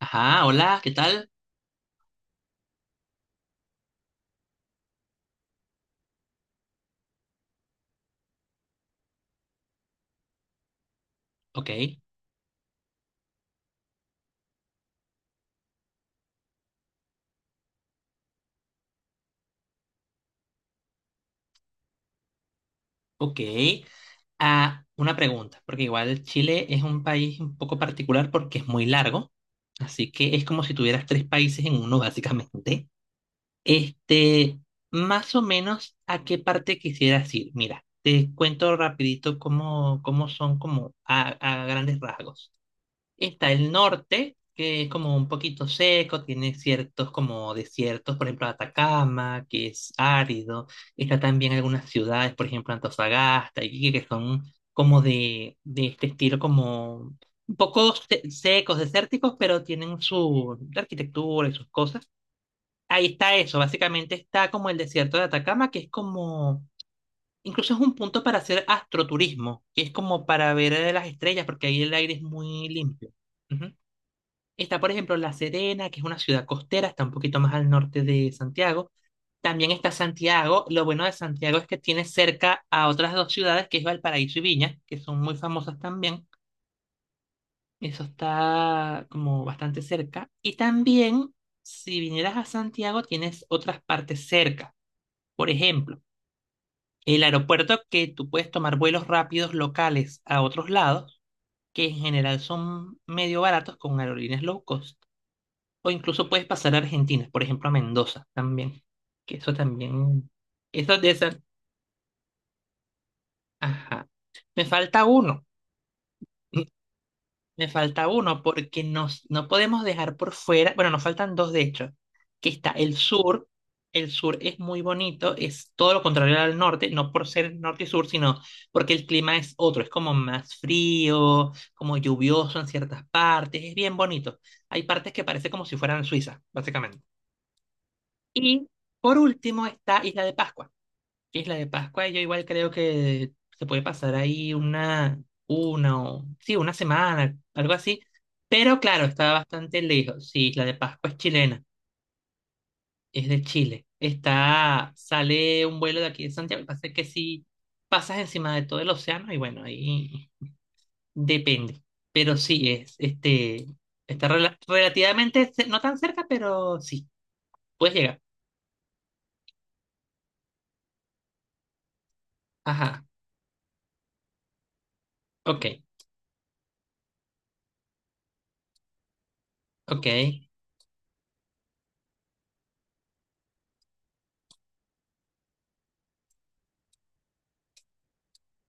Ajá, hola, ¿qué tal? Ok, ok. Ah, una pregunta, porque igual Chile es un país un poco particular porque es muy largo, así que es como si tuvieras tres países en uno, básicamente. Este, más o menos, ¿a qué parte quisieras ir? Mira, te cuento rapidito cómo son como a grandes rasgos. Está el norte, que es como un poquito seco, tiene ciertos como desiertos, por ejemplo Atacama, que es árido. Está también algunas ciudades, por ejemplo Antofagasta, y que son como de este estilo, como un poco secos, desérticos, pero tienen su arquitectura y sus cosas. Ahí está eso, básicamente está como el desierto de Atacama, que es como... Incluso es un punto para hacer astroturismo, que es como para ver las estrellas, porque ahí el aire es muy limpio. Está, por ejemplo, La Serena, que es una ciudad costera, está un poquito más al norte de Santiago. También está Santiago. Lo bueno de Santiago es que tiene cerca a otras dos ciudades, que es Valparaíso y Viña, que son muy famosas también. Eso está como bastante cerca. Y también, si vinieras a Santiago, tienes otras partes cerca. Por ejemplo, el aeropuerto que tú puedes tomar vuelos rápidos locales a otros lados, que en general son medio baratos con aerolíneas low cost. O incluso puedes pasar a Argentina, por ejemplo, a Mendoza también. Que eso también. Eso de esa. Ajá. Me falta uno. Me falta uno porque no podemos dejar por fuera. Bueno, nos faltan dos de hecho. Que está el sur. El sur es muy bonito, es todo lo contrario al norte, no por ser norte y sur, sino porque el clima es otro, es como más frío, como lluvioso en ciertas partes, es bien bonito. Hay partes que parece como si fueran Suiza, básicamente. Y por último está Isla de Pascua. Isla de Pascua, yo igual creo que se puede pasar ahí una o, sí, una semana, algo así. Pero claro, está bastante lejos. Sí, Isla de Pascua es chilena, es de Chile. Está, sale un vuelo de aquí de Santiago. Pasa que si pasas encima de todo el océano, y bueno, ahí depende. Pero sí, está relativamente, no tan cerca, pero sí, puedes llegar. Ajá, ok, ok.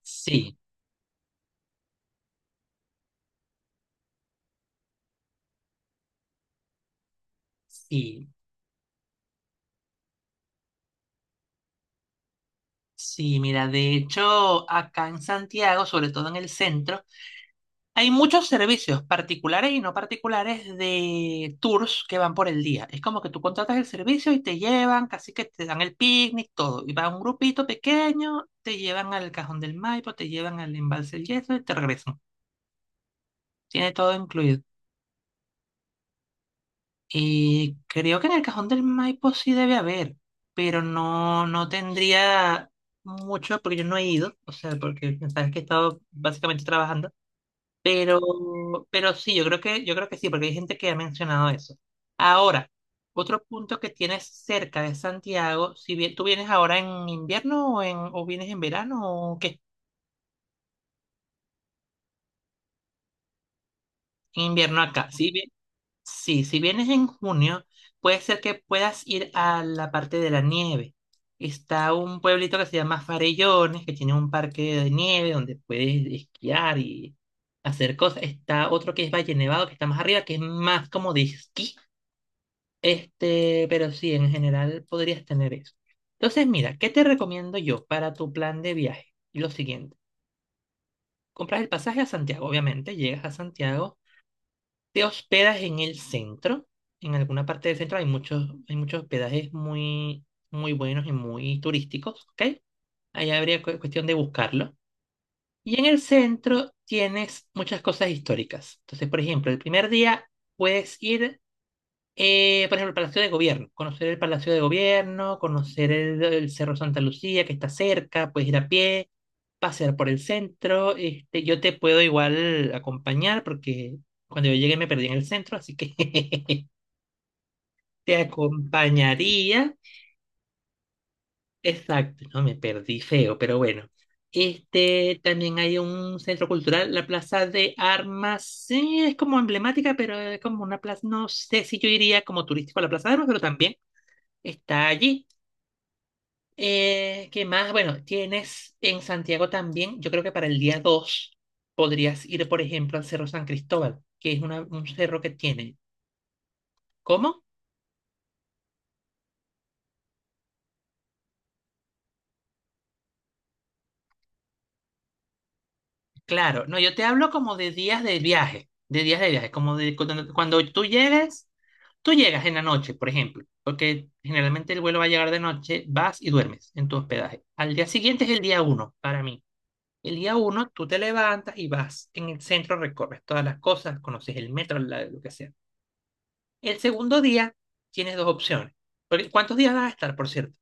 Sí, sí, sí, mira, de hecho, acá en Santiago, sobre todo en el centro, hay muchos servicios particulares y no particulares de tours que van por el día. Es como que tú contratas el servicio y te llevan, casi que te dan el picnic, todo. Y va un grupito pequeño, te llevan al Cajón del Maipo, te llevan al Embalse del Yeso y te regresan. Tiene todo incluido. Creo que en el Cajón del Maipo sí debe haber, pero no tendría mucho porque yo no he ido, o sea, porque sabes que he estado básicamente trabajando, pero, pero sí, yo creo que sí, porque hay gente que ha mencionado eso. Ahora, otro punto que tienes cerca de Santiago, si bien tú vienes ahora en invierno o o vienes en verano o qué, en invierno acá. Sí, Sí, si vienes en junio, puede ser que puedas ir a la parte de la nieve. Está un pueblito que se llama Farellones, que tiene un parque de nieve donde puedes esquiar y hacer cosas. Está otro que es Valle Nevado, que está más arriba, que es más como de esquí. Pero sí, en general podrías tener eso. Entonces, mira, ¿qué te recomiendo yo para tu plan de viaje? Lo siguiente, compras el pasaje a Santiago, obviamente, llegas a Santiago. ¿Te hospedas en el centro? En alguna parte del centro hay muchos hospedajes muy buenos y muy turísticos, ¿ok? Ahí habría cuestión de buscarlo. Y en el centro tienes muchas cosas históricas. Entonces, por ejemplo, el primer día puedes ir, por ejemplo, al Palacio de Gobierno, conocer el Palacio de Gobierno, conocer el Cerro Santa Lucía que está cerca, puedes ir a pie pasear por el centro. Yo te puedo igual acompañar porque cuando yo llegué me perdí en el centro, así que te acompañaría. Exacto, no me perdí feo, pero bueno. También hay un centro cultural, la Plaza de Armas. Sí, es como emblemática, pero es como una plaza. No sé si yo iría como turístico a la Plaza de Armas, pero también está allí. ¿Qué más? Bueno, tienes en Santiago también, yo creo que para el día 2 podrías ir, por ejemplo, al Cerro San Cristóbal, que es un cerro que tiene. ¿Cómo? Claro, no, yo te hablo como de días de viaje, de días de viaje, como de cuando tú llegues, tú llegas en la noche, por ejemplo, porque generalmente el vuelo va a llegar de noche, vas y duermes en tu hospedaje. Al día siguiente es el día uno para mí. El día uno tú te levantas y vas en el centro, recorres todas las cosas, conoces el metro, lo que sea. El segundo día tienes dos opciones. Porque- ¿Cuántos días vas a estar, por cierto?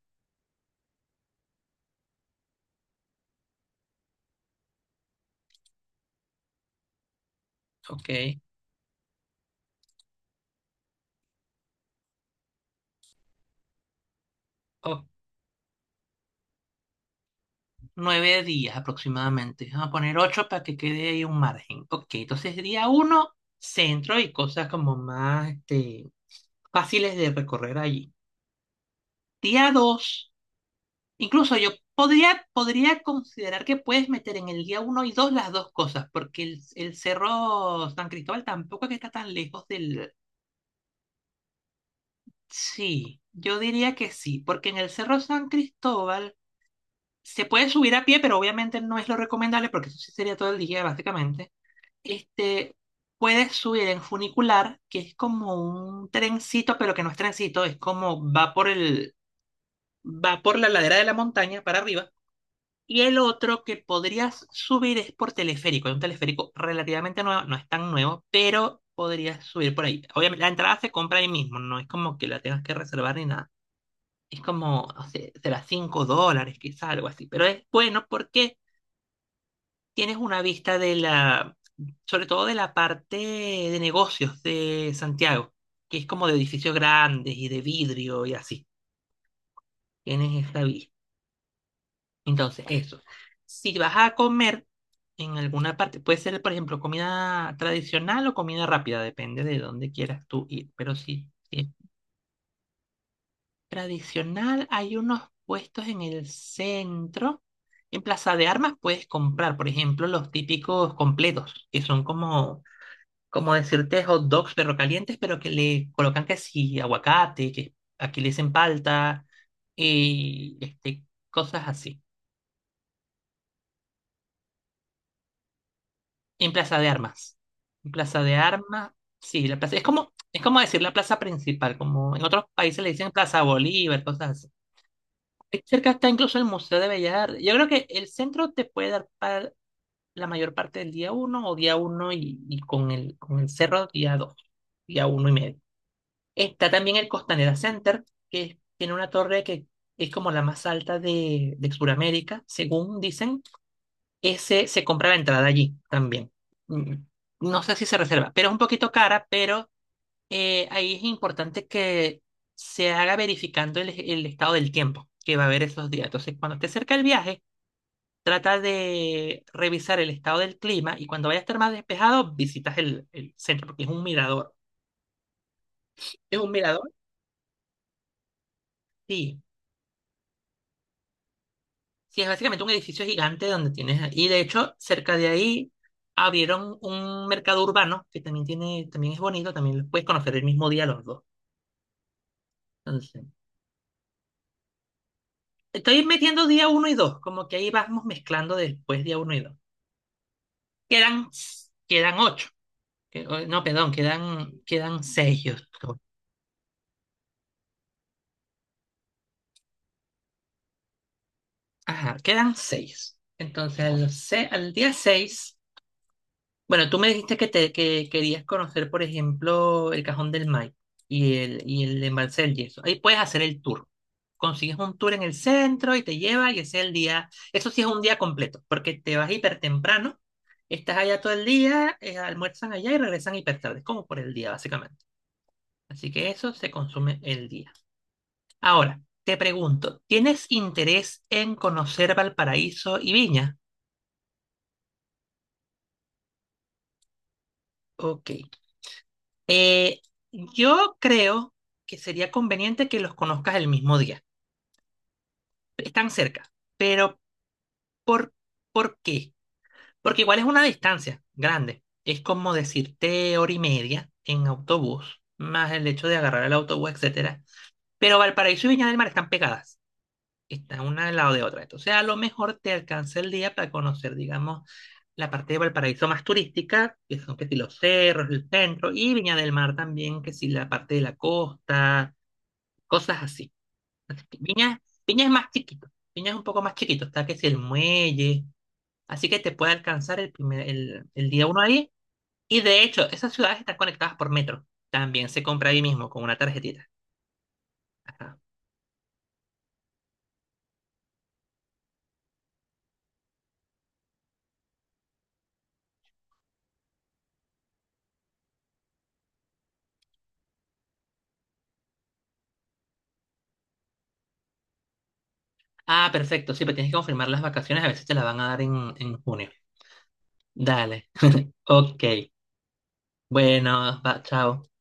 Ok. o- 9 días aproximadamente. Vamos a poner ocho para que quede ahí un margen. Ok, entonces día uno, centro y cosas como más fáciles de recorrer allí. Día dos, incluso podría considerar que puedes meter en el día uno y dos las dos cosas, porque el Cerro San Cristóbal tampoco es que está tan lejos del... Sí, yo diría que sí, porque en el Cerro San Cristóbal se puede subir a pie, pero obviamente no es lo recomendable porque eso sí sería todo el día, básicamente. Este, puedes subir en funicular, que es como un trencito, pero que no es trencito, es como va por va por la ladera de la montaña para arriba. Y el otro que podrías subir es por teleférico, es un teleférico relativamente nuevo, no es tan nuevo, pero podrías subir por ahí. Obviamente, la entrada se compra ahí mismo, no es como que la tengas que reservar ni nada. Es como, o sea, será $5, quizá algo así, pero es bueno porque tienes una vista de sobre todo de la parte de negocios de Santiago, que es como de edificios grandes y de vidrio y así. Tienes esta vista. Entonces, eso. Si vas a comer en alguna parte, puede ser, por ejemplo, comida tradicional o comida rápida, depende de dónde quieras tú ir. Pero sí, si es tradicional, hay unos puestos en el centro. En Plaza de Armas puedes comprar, por ejemplo, los típicos completos, que son como decirte hot dogs perro calientes, pero que le colocan que sí, aguacate, que aquí le dicen palta, y cosas así. En Plaza de Armas. En Plaza de Armas, sí, la plaza, es como decir la plaza principal, como en otros países le dicen Plaza Bolívar, cosas así. Ahí cerca está incluso el Museo de Bellas Artes. Yo creo que el centro te puede dar para la mayor parte del día uno o día uno y con con el cerro día dos, día uno y medio. Está también el Costanera Center, que tiene una torre que es como la más alta de Sudamérica, según dicen. Ese se compra la entrada allí también. Mm, no sé si se reserva, pero es un poquito cara, pero ahí es importante que se haga verificando el estado del tiempo que va a haber esos días. Entonces, cuando esté cerca el viaje, trata de revisar el estado del clima y cuando vaya a estar más despejado, visitas el centro, porque es un mirador. ¿Es un mirador? Sí. Sí, es básicamente un edificio gigante donde tienes, y de hecho, cerca de ahí abrieron un mercado urbano que también tiene, también es bonito, también los puedes conocer el mismo día los dos. Entonces, estoy metiendo día uno y dos, como que ahí vamos mezclando después día uno y dos. Quedan, quedan ocho. No, perdón, quedan seis. Yo creo. Ajá, quedan seis. Entonces, al día seis. Bueno, tú me dijiste que querías conocer, por ejemplo, el Cajón del Maipo y y el embalse del Yeso. Ahí puedes hacer el tour. Consigues un tour en el centro y te lleva y ese es el día, eso sí es un día completo, porque te vas hiper temprano, estás allá todo el día, almuerzan allá y regresan hiper tarde, como por el día básicamente. Así que eso se consume el día. Ahora, te pregunto, ¿tienes interés en conocer Valparaíso y Viña? Ok. Eh, yo creo que sería conveniente que los conozcas el mismo día. Están cerca, pero ¿por, por qué? Porque igual es una distancia grande. Es como decirte hora y media en autobús, más el hecho de agarrar el autobús, etcétera. Pero Valparaíso y Viña del Mar están pegadas, están una al lado de otra. Entonces, a lo mejor te alcanza el día para conocer, digamos, la parte de Valparaíso más turística, que son que si los cerros, el centro, y Viña del Mar también, que si la parte de la costa, cosas así. Viña, Viña es más chiquito, Viña es un poco más chiquito, está que si el muelle, así que te puede alcanzar el día uno ahí. Y de hecho, esas ciudades están conectadas por metro, también se compra ahí mismo con una tarjetita. Ajá. Ah, perfecto, sí, pero tienes que confirmar las vacaciones, a veces te las van a dar en junio. Dale, ok, bueno, va, chao.